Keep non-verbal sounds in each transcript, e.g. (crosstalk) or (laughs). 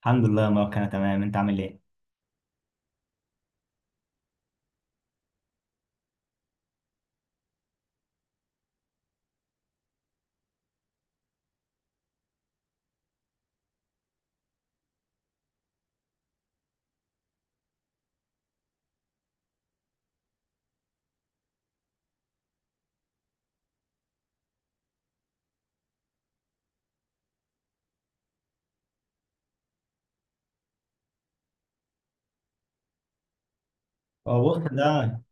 الحمد لله يا مروان، انا تمام. انت عامل ايه؟ اه، بص، الحمد لله. ده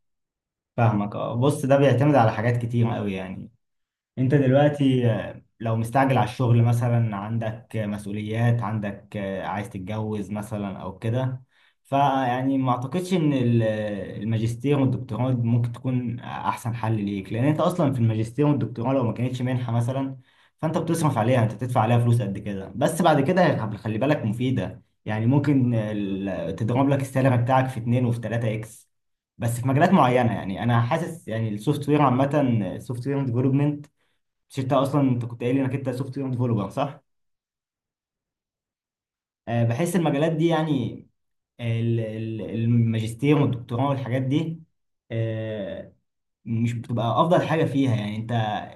فاهمك. اه، بص، ده بيعتمد على حاجات كتير قوي. يعني انت دلوقتي لو مستعجل على الشغل مثلا، عندك مسؤوليات، عندك عايز تتجوز مثلا او كده، فيعني ما اعتقدش ان الماجستير والدكتوراه ممكن تكون احسن حل ليك، لان انت اصلا في الماجستير والدكتوراه لو ما كانتش منحة مثلا فانت بتصرف عليها، انت بتدفع عليها فلوس قد كده. بس بعد كده خلي بالك مفيدة، يعني ممكن تضرب لك السالري بتاعك في 2 وفي 3 اكس، بس في مجالات معينة. يعني انا حاسس يعني السوفت وير عامة، السوفت وير ديفلوبمنت، مش انت اصلا، انت كنت قايل لي انك انت سوفت وير ديفلوبر، صح؟ أه، بحس المجالات دي، يعني الماجستير والدكتوراه والحاجات دي، أه، مش بتبقى افضل حاجه فيها. يعني انت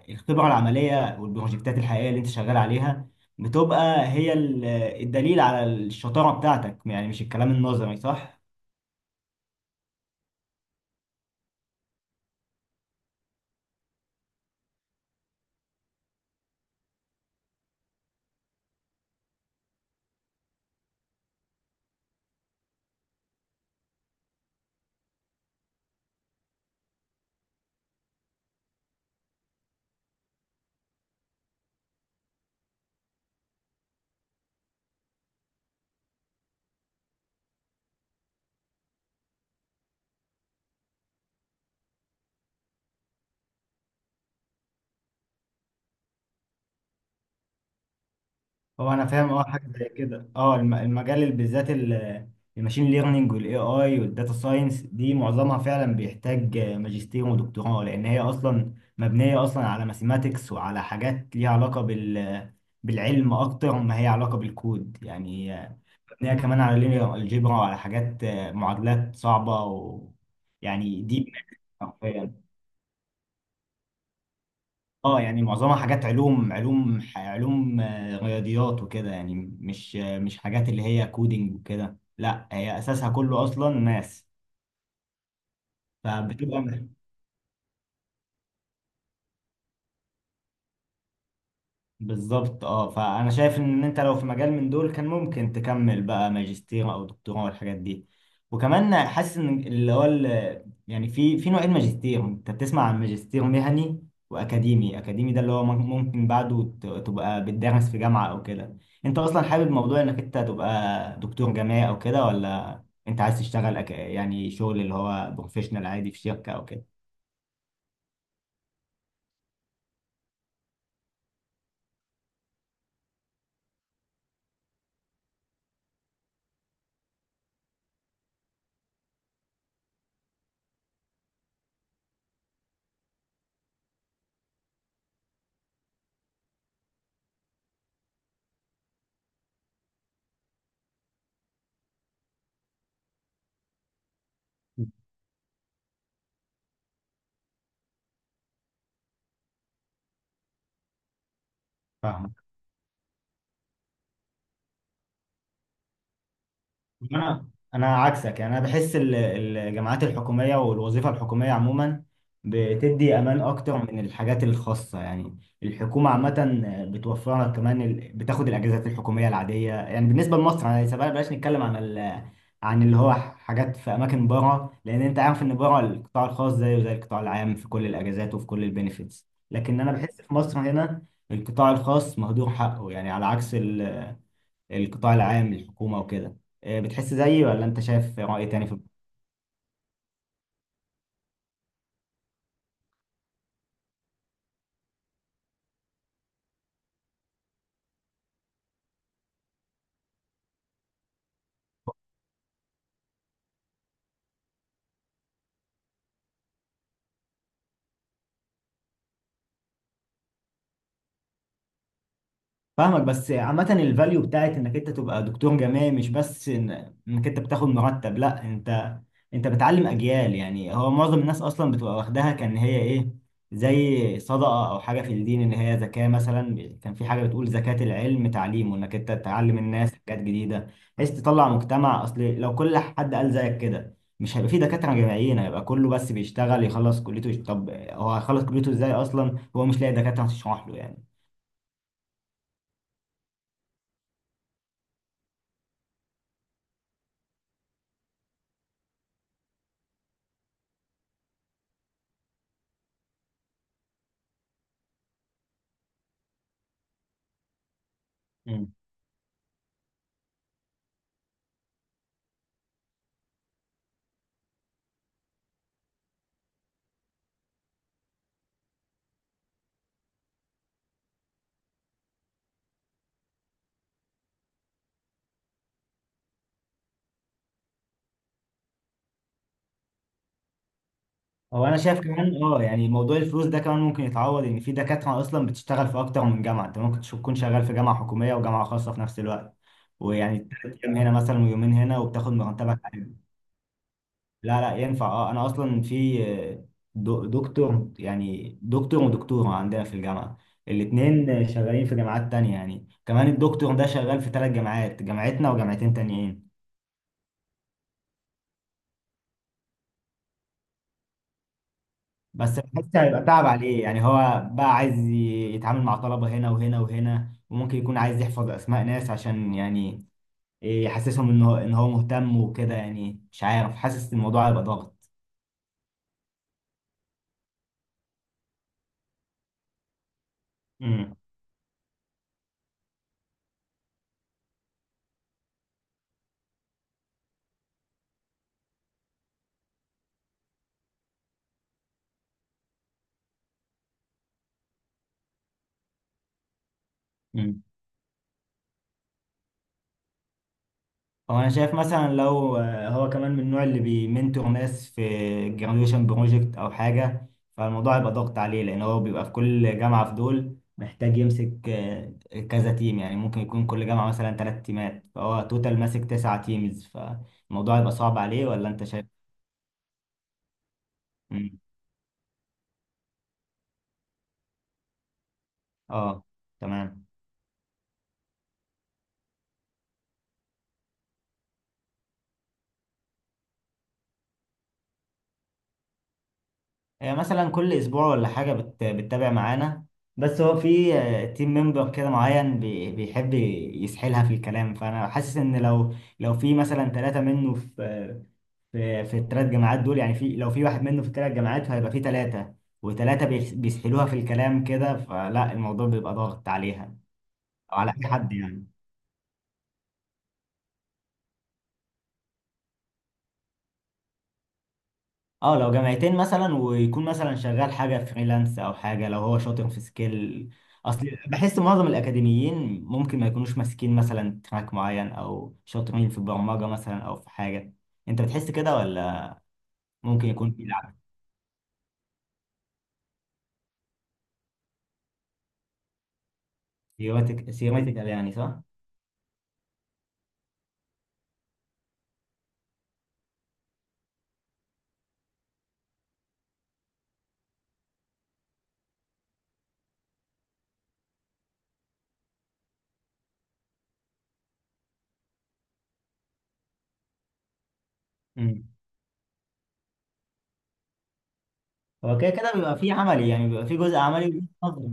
الخبره العمليه والبروجكتات الحقيقيه اللي انت شغال عليها بتبقى هي الدليل على الشطاره بتاعتك، يعني مش الكلام النظري، صح؟ هو انا فاهم، اه، حاجه زي كده. اه، المجال اللي بالذات الماشين ليرنينج والاي اي والداتا ساينس دي معظمها فعلا بيحتاج ماجستير ودكتوراه، لان هي مبنيه اصلا على ماثيماتكس وعلى حاجات ليها علاقه بال، بالعلم اكتر ما هي علاقه بالكود يعني. مبنيه كمان على لينير الجبرا وعلى حاجات، معادلات صعبه، و يعني دي، اه يعني معظمها حاجات علوم، علوم رياضيات وكده يعني. مش حاجات اللي هي كودينج وكده، لا، هي اساسها كله اصلا ماس، فبتبقى، بالظبط. اه، فانا شايف ان انت لو في مجال من دول كان ممكن تكمل بقى ماجستير او دكتوراه والحاجات دي. وكمان حاسس ان اللي هو يعني في نوعين ماجستير، انت بتسمع عن ماجستير مهني واكاديمي. اكاديمي ده اللي هو ممكن بعده تبقى بتدرس في جامعة او كده. انت اصلا حابب موضوع انك انت تبقى دكتور جامعي او كده، ولا انت عايز تشتغل يعني شغل اللي هو بروفيشنال عادي في شركة او كده؟ فاهمك. انا انا عكسك، يعني انا بحس الجامعات الحكوميه والوظيفه الحكوميه عموما بتدي امان اكتر من الحاجات الخاصه. يعني الحكومه عامه بتوفر لك كمان بتاخد الاجازات الحكوميه العاديه. يعني بالنسبه لمصر انا سيبها، بلاش نتكلم عن عن اللي هو حاجات في اماكن بره، لان انت عارف ان بره القطاع الخاص زيه زي القطاع العام في كل الاجازات وفي كل البينيفيتس، لكن انا بحس في مصر هنا القطاع الخاص مهدور حقه، يعني على عكس القطاع العام الحكومة وكده. بتحس زيي ولا انت شايف رأي تاني في؟ فاهمك. بس عامة الفاليو بتاعت انك انت تبقى دكتور جامعي مش بس انك انت بتاخد مرتب، لا، انت انت بتعلم اجيال. يعني هو معظم الناس اصلا بتبقى واخداها كان هي ايه، زي صدقة او حاجة في الدين، ان هي زكاة مثلا، كان في حاجة بتقول زكاة العلم تعليمه، انك انت تعلم الناس حاجات جديدة بحيث تطلع مجتمع. اصل لو كل حد قال زيك كده مش هيبقى في دكاترة جامعيين، هيبقى كله بس بيشتغل يخلص كليته. طب هو هيخلص كليته ازاي اصلا هو مش لاقي دكاترة تشرح له يعني؟ هو انا شايف كمان، اه، يعني موضوع الفلوس ده كمان ممكن يتعوض، ان في دكاتره اصلا بتشتغل في اكتر من جامعه. انت ممكن تكون شغال في جامعه حكوميه وجامعه خاصه في نفس الوقت، ويعني 3 ايام هنا مثلا ويومين هنا، وبتاخد مرتبك عالي. لا لا، ينفع. اه، انا اصلا في دكتور، يعني دكتور ودكتوره عندنا في الجامعه الاثنين شغالين في جامعات تانية. يعني كمان الدكتور ده شغال في 3 جامعات، جامعتنا وجامعتين تانيين. بس بحس هيبقى تعب عليه، يعني هو بقى عايز يتعامل مع طلبة هنا وهنا وهنا، وممكن يكون عايز يحفظ أسماء ناس عشان يعني يحسسهم إن هو مهتم وكده. يعني مش عارف، حاسس الموضوع هيبقى ضاغط. امم، هو انا شايف مثلا لو هو كمان من النوع اللي بيمنتور ناس في الجراديويشن بروجكت او حاجه، فالموضوع يبقى ضغط عليه، لان هو بيبقى في كل جامعه في دول محتاج يمسك كذا تيم. يعني ممكن يكون كل جامعه مثلا 3 تيمات، فهو توتال ماسك 9 تيمز، فالموضوع يبقى صعب عليه، ولا انت شايف؟ مم. اه، تمام. مثلا كل اسبوع ولا حاجه بتتابع معانا. بس هو في تيم ممبر كده معين بيحب يسحلها في الكلام، فانا حاسس ان لو في مثلا ثلاثه منه في في ال3 جامعات دول، يعني في، لو في واحد منه في ال3 جامعات، فهيبقى في ثلاثه وثلاثه بيسحلوها في الكلام كده، فلا الموضوع بيبقى ضاغط عليها، او على اي حد يعني. اه، لو جامعتين مثلا، ويكون مثلا شغال حاجة فريلانس او حاجة، لو هو شاطر في سكيل، اصل بحس معظم الاكاديميين ممكن ما يكونوش ماسكين مثلا تراك معين، او شاطرين في البرمجة مثلا او في حاجة. انت بتحس كده ولا؟ ممكن يكون في لعب. سيرماتيك، سيرماتيكال يعني، صح؟ امم. هو كده كده بيبقى في عملي، يعني بيبقى في جزء عملي وجزء نظري.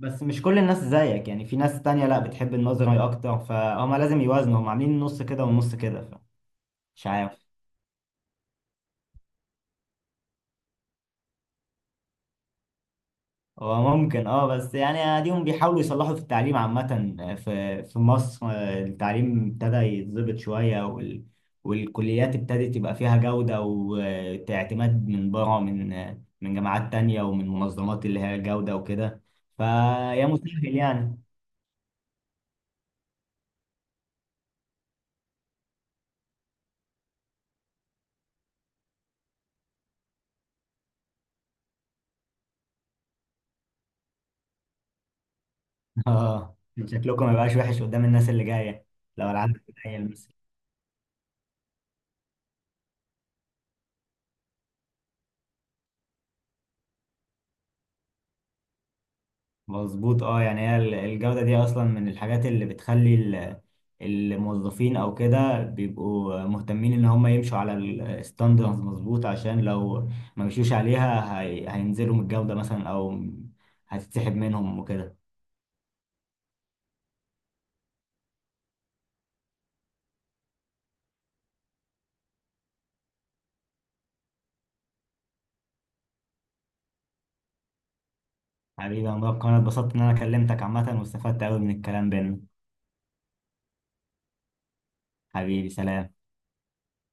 بس مش كل الناس زيك، يعني في ناس تانية لا، بتحب النظري اكتر، فهم لازم يوازنوا، هم عاملين نص كده ونص كده، فمش عارف. هو ممكن، اه، بس يعني اديهم بيحاولوا يصلحوا في التعليم عامة. في مصر التعليم ابتدى يتظبط شوية، والكليات ابتدت يبقى فيها جودة واعتماد من بره، من من جامعات تانية ومن منظمات اللي هي جودة وكده، فيا مستاهل يعني. (laughs) اه، شكلكم ما يبقاش وحش قدام الناس اللي جاية لو العدد قليل. مظبوط. اه، يعني هي الجودة دي اصلا من الحاجات اللي بتخلي الموظفين او كده بيبقوا مهتمين ان هم يمشوا على الستاندرز، مظبوط، عشان لو ما مشيوش عليها هينزلوا من الجودة مثلا، او هتتسحب منهم وكده. حبيبي يا مبارك، انا اتبسطت ان انا كلمتك عامة، واستفدت قوي من الكلام بينا. حبيبي، سلام.